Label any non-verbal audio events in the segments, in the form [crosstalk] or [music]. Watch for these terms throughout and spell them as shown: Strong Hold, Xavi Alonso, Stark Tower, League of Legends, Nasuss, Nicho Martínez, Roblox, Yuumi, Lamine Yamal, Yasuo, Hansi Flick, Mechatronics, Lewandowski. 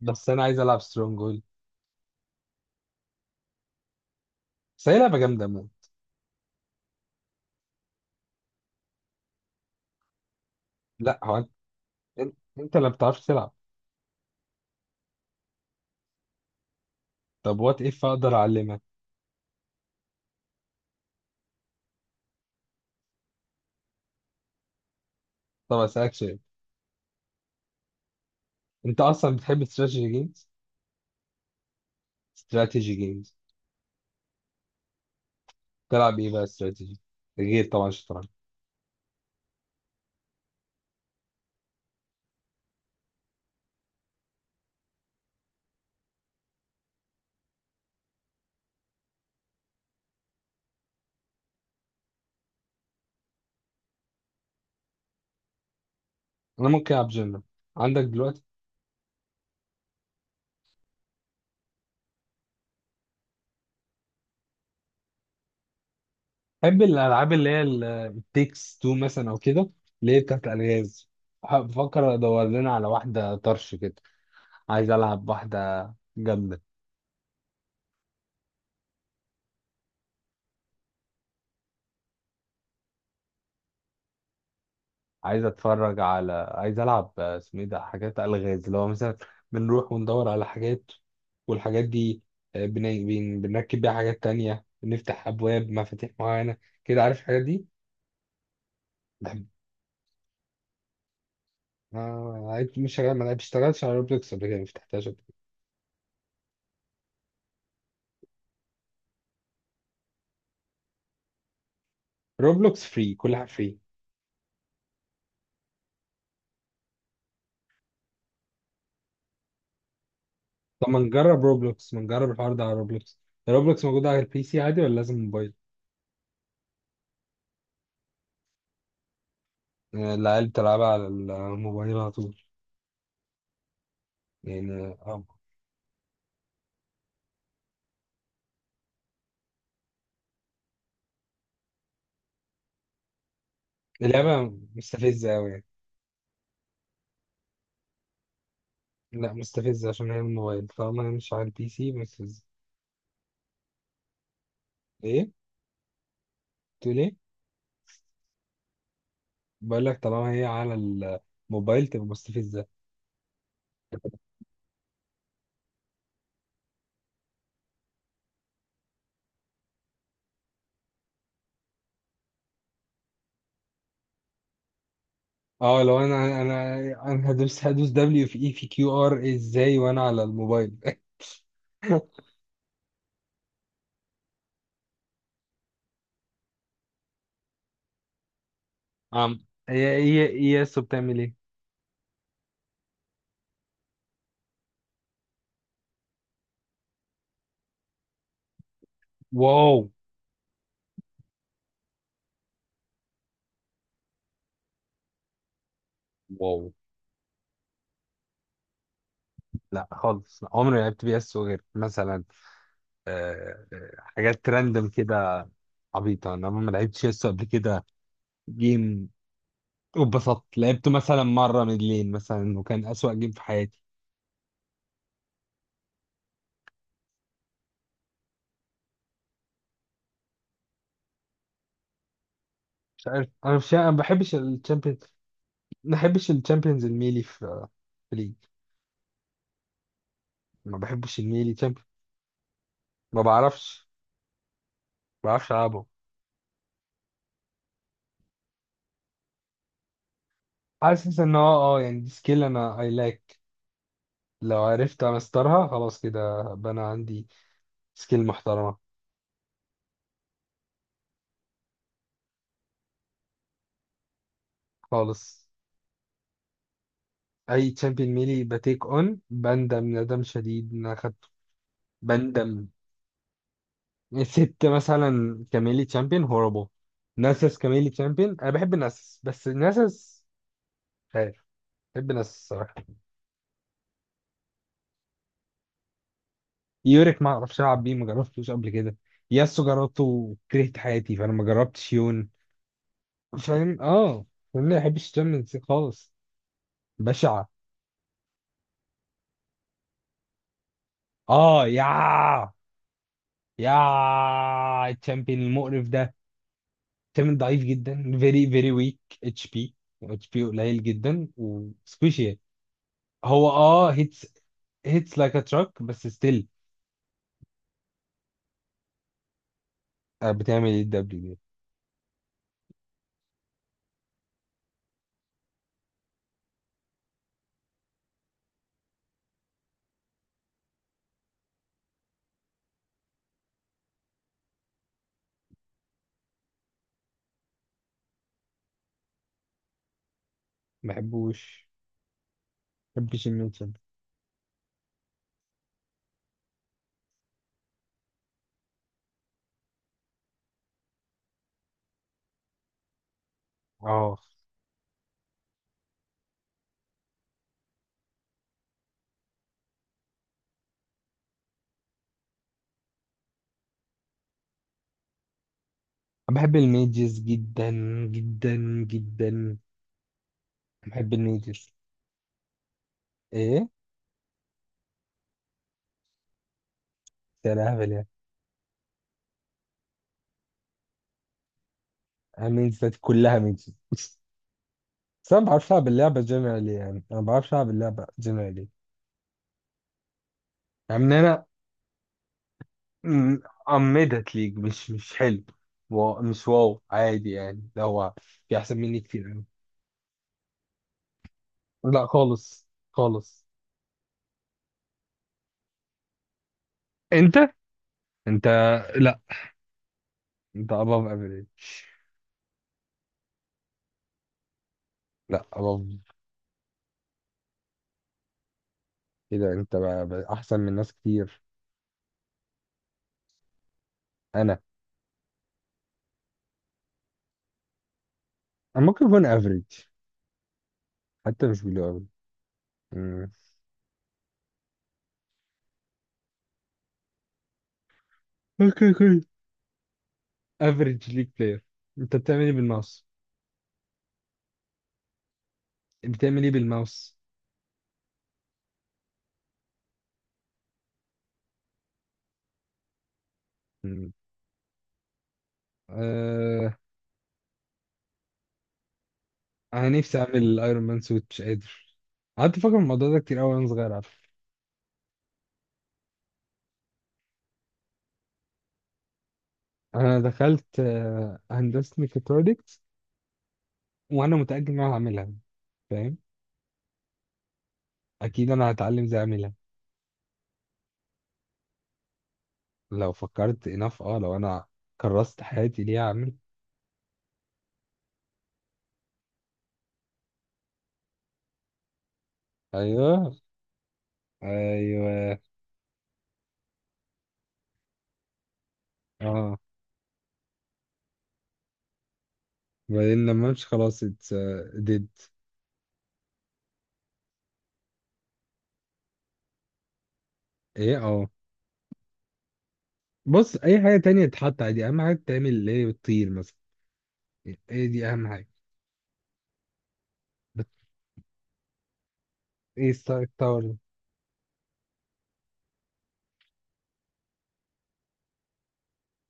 بس انا عايز العب سترونج هولد. بس هي لعبه جامده موت. لا هو انت انت أنت اللي ما بتعرفش تلعب. طب وات اف اقدر اعلمك. طب اسالك سؤال، انت اصلا بتحب استراتيجي جيمز؟ استراتيجي جيمز. تلعب ايه بقى استراتيجي، غير طبعا الشطرنج؟ انا ممكن العب جنرال، عندك دلوقتي؟ بحب الالعاب اللي هي التيكس تو مثلا او كده، اللي هي بتاعت الغاز. بفكر ادور لنا على واحده طرش كده، عايز العب واحده جامده. عايز اتفرج على، عايز العب، اسمه ايه ده، حاجات الغاز اللي هو مثلا بنروح وندور على حاجات والحاجات دي. بنركب بيها حاجات تانية، بنفتح ابواب مفاتيح معينة كده، عارف الحاجات دي؟ بحب. مش شغال، ما اشتغلتش على روبلوكس قبل كده، ما فتحتهاش قبل كده. روبلوكس فري، كل حاجة فري. طب ما نجرب روبلوكس، ما نجرب الحوار ده على روبلوكس. روبلوكس موجودة على البي سي عادي ولا لازم موبايل؟ العيال بتلعبها على الموبايل على طول. يعني. اللعبة مستفزة أوي. لا مستفزة عشان هي الموبايل، طالما هي مش على البي سي مستفزة. ايه؟ تقول ايه؟ بقول لك طالما هي على الموبايل تبقى مستفزة. اه، لو انا هدوس دبليو في اي في كيو ار ازاي وانا على الموبايل؟ [laughs] عم هي اي اس بتعمل ايه؟ واو. واو. لا خالص، لا عمري ما لعبت بي اس غير مثلا حاجات راندوم كده. عبيطة، انا ما لعبتش اس قبل كده جيم. وبسطت لعبته مثلا مرة من لين مثلا وكان أسوأ جيم في حياتي. مش عارف، انا مش، انا ما بحبش الشامبيونز. ما بحبش الشامبيونز الميلي في ليج. ما بحبش الميلي تشامبيون. ما بعرفش. ما بعرفش العبه. حاسس ان هو يعني دي سكيل انا اي لاك. لو عرفت امسترها خلاص، كده بقى انا عندي سكيل محترمه. خالص. اي تشامبيون ميلي بتيك اون بندم ندم شديد ان انا اخدته. بندم. ست مثلا كميلي تشامبيون هوربل. ناسس كميلي تشامبيون، انا بحب ناسس، بس ناسس. مش عارف. بحب ناسس الصراحه. يوريك ما اعرفش العب بيه، ما جربتوش قبل كده. ياسو جربته وكرهت حياتي، فانا ما جربتش يون. فاهم اه. فاهم، ما بحبش الشامبيونز ليج خالص. بشعه. اه، يا الشامبيون المقرف ده. الشامبيون ضعيف جدا، فيري فيري ويك. اتش بي، اتش بي قليل جدا وسكوشي. هو هيتس. هيتس لايك ا تراك بس ستيل. بتعمل ايه الدبليو دي؟ ما بحبوش. ما بحبش المنشن. اه، أنا بحب الميجز جدا جدا جدا، أنا بحب الميجز. ايه؟ يا لهبل يعني. أنا الميجز بتاعتي كلها ميجز بس. انا ما بعرفش العب اللعبه جنرالي يعني، انا ما بعرفش العب اللعبه جنرالي. يعني إن انا م- قمدت ليج، مش حلو. مش واو عادي يعني، ده هو في احسن مني كتير قوي. لا خالص خالص. انت انت لا، انت above average. لا above. كده انت بقى احسن من ناس كتير. انا انا ممكن اكون average، حتى مش بيلو قوي. امم اوكي، اوكي. افريج ليج بلاير. انت بتعمل ايه بالماوس؟ بتعمل ايه بالماوس؟ مم. آه... انا نفسي اعمل ايرون مان سوت، مش قادر. قعدت افكر في الموضوع ده كتير قوي وانا صغير على فكرة. انا دخلت هندسه ميكاترونكس وانا متاكد ان انا هعملها، فاهم؟ اكيد انا هتعلم ازاي اعملها. لو فكرت انف اه لو انا كرست حياتي ليه اعمل. ايوه، ايوه. اه، بعدين لما امشي خلاص، اتس ديد. ايه اه، بص اي حاجه تانية تتحط عادي، اهم حاجه تعمل اللي هي بتطير مثلا. ايه دي اهم حاجه. بت... ايه ستارك تاور؟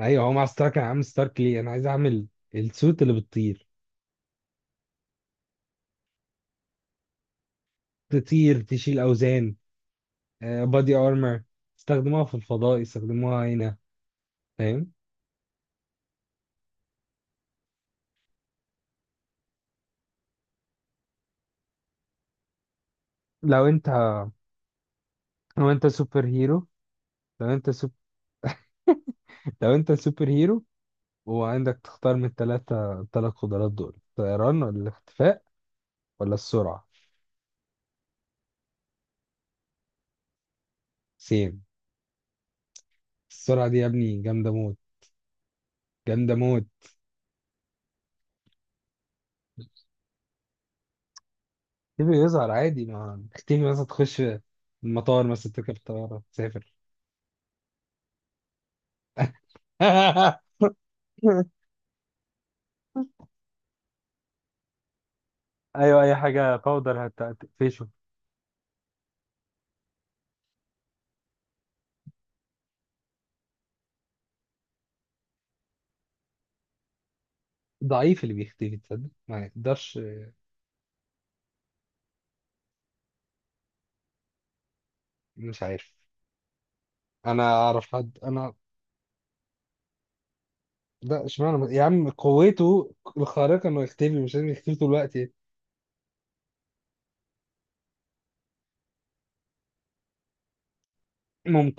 ايوه هو مع ستارك، انا عامل ستارك ليه، انا عايز اعمل السوت اللي بتطير، تطير تشيل اوزان، بادي ارمor، استخدموها في الفضاء، استخدموها هنا، فاهم؟ لو انت لو انت سوبر هيرو، لو انت سوب... لو انت سوبر هيرو، وعندك تختار من الثلاث قدرات دول، الطيران ولا الاختفاء ولا السرعه؟ سيم. السرعه دي يا ابني جامده موت، جامده موت. تيجي يظهر عادي، ما تيجي مثلا تخش المطار مثلا تركب الطيارة تسافر. [laughs] ايوه، اي حاجه باودر هتقفشه. ضعيف اللي بيختفي، تصدق ما يقدرش. مش عارف، انا اعرف حد، انا. لا، اشمعنى يا عم، قوته الخارقة انه يختفي مش لازم يختفي طول الوقت. يعني.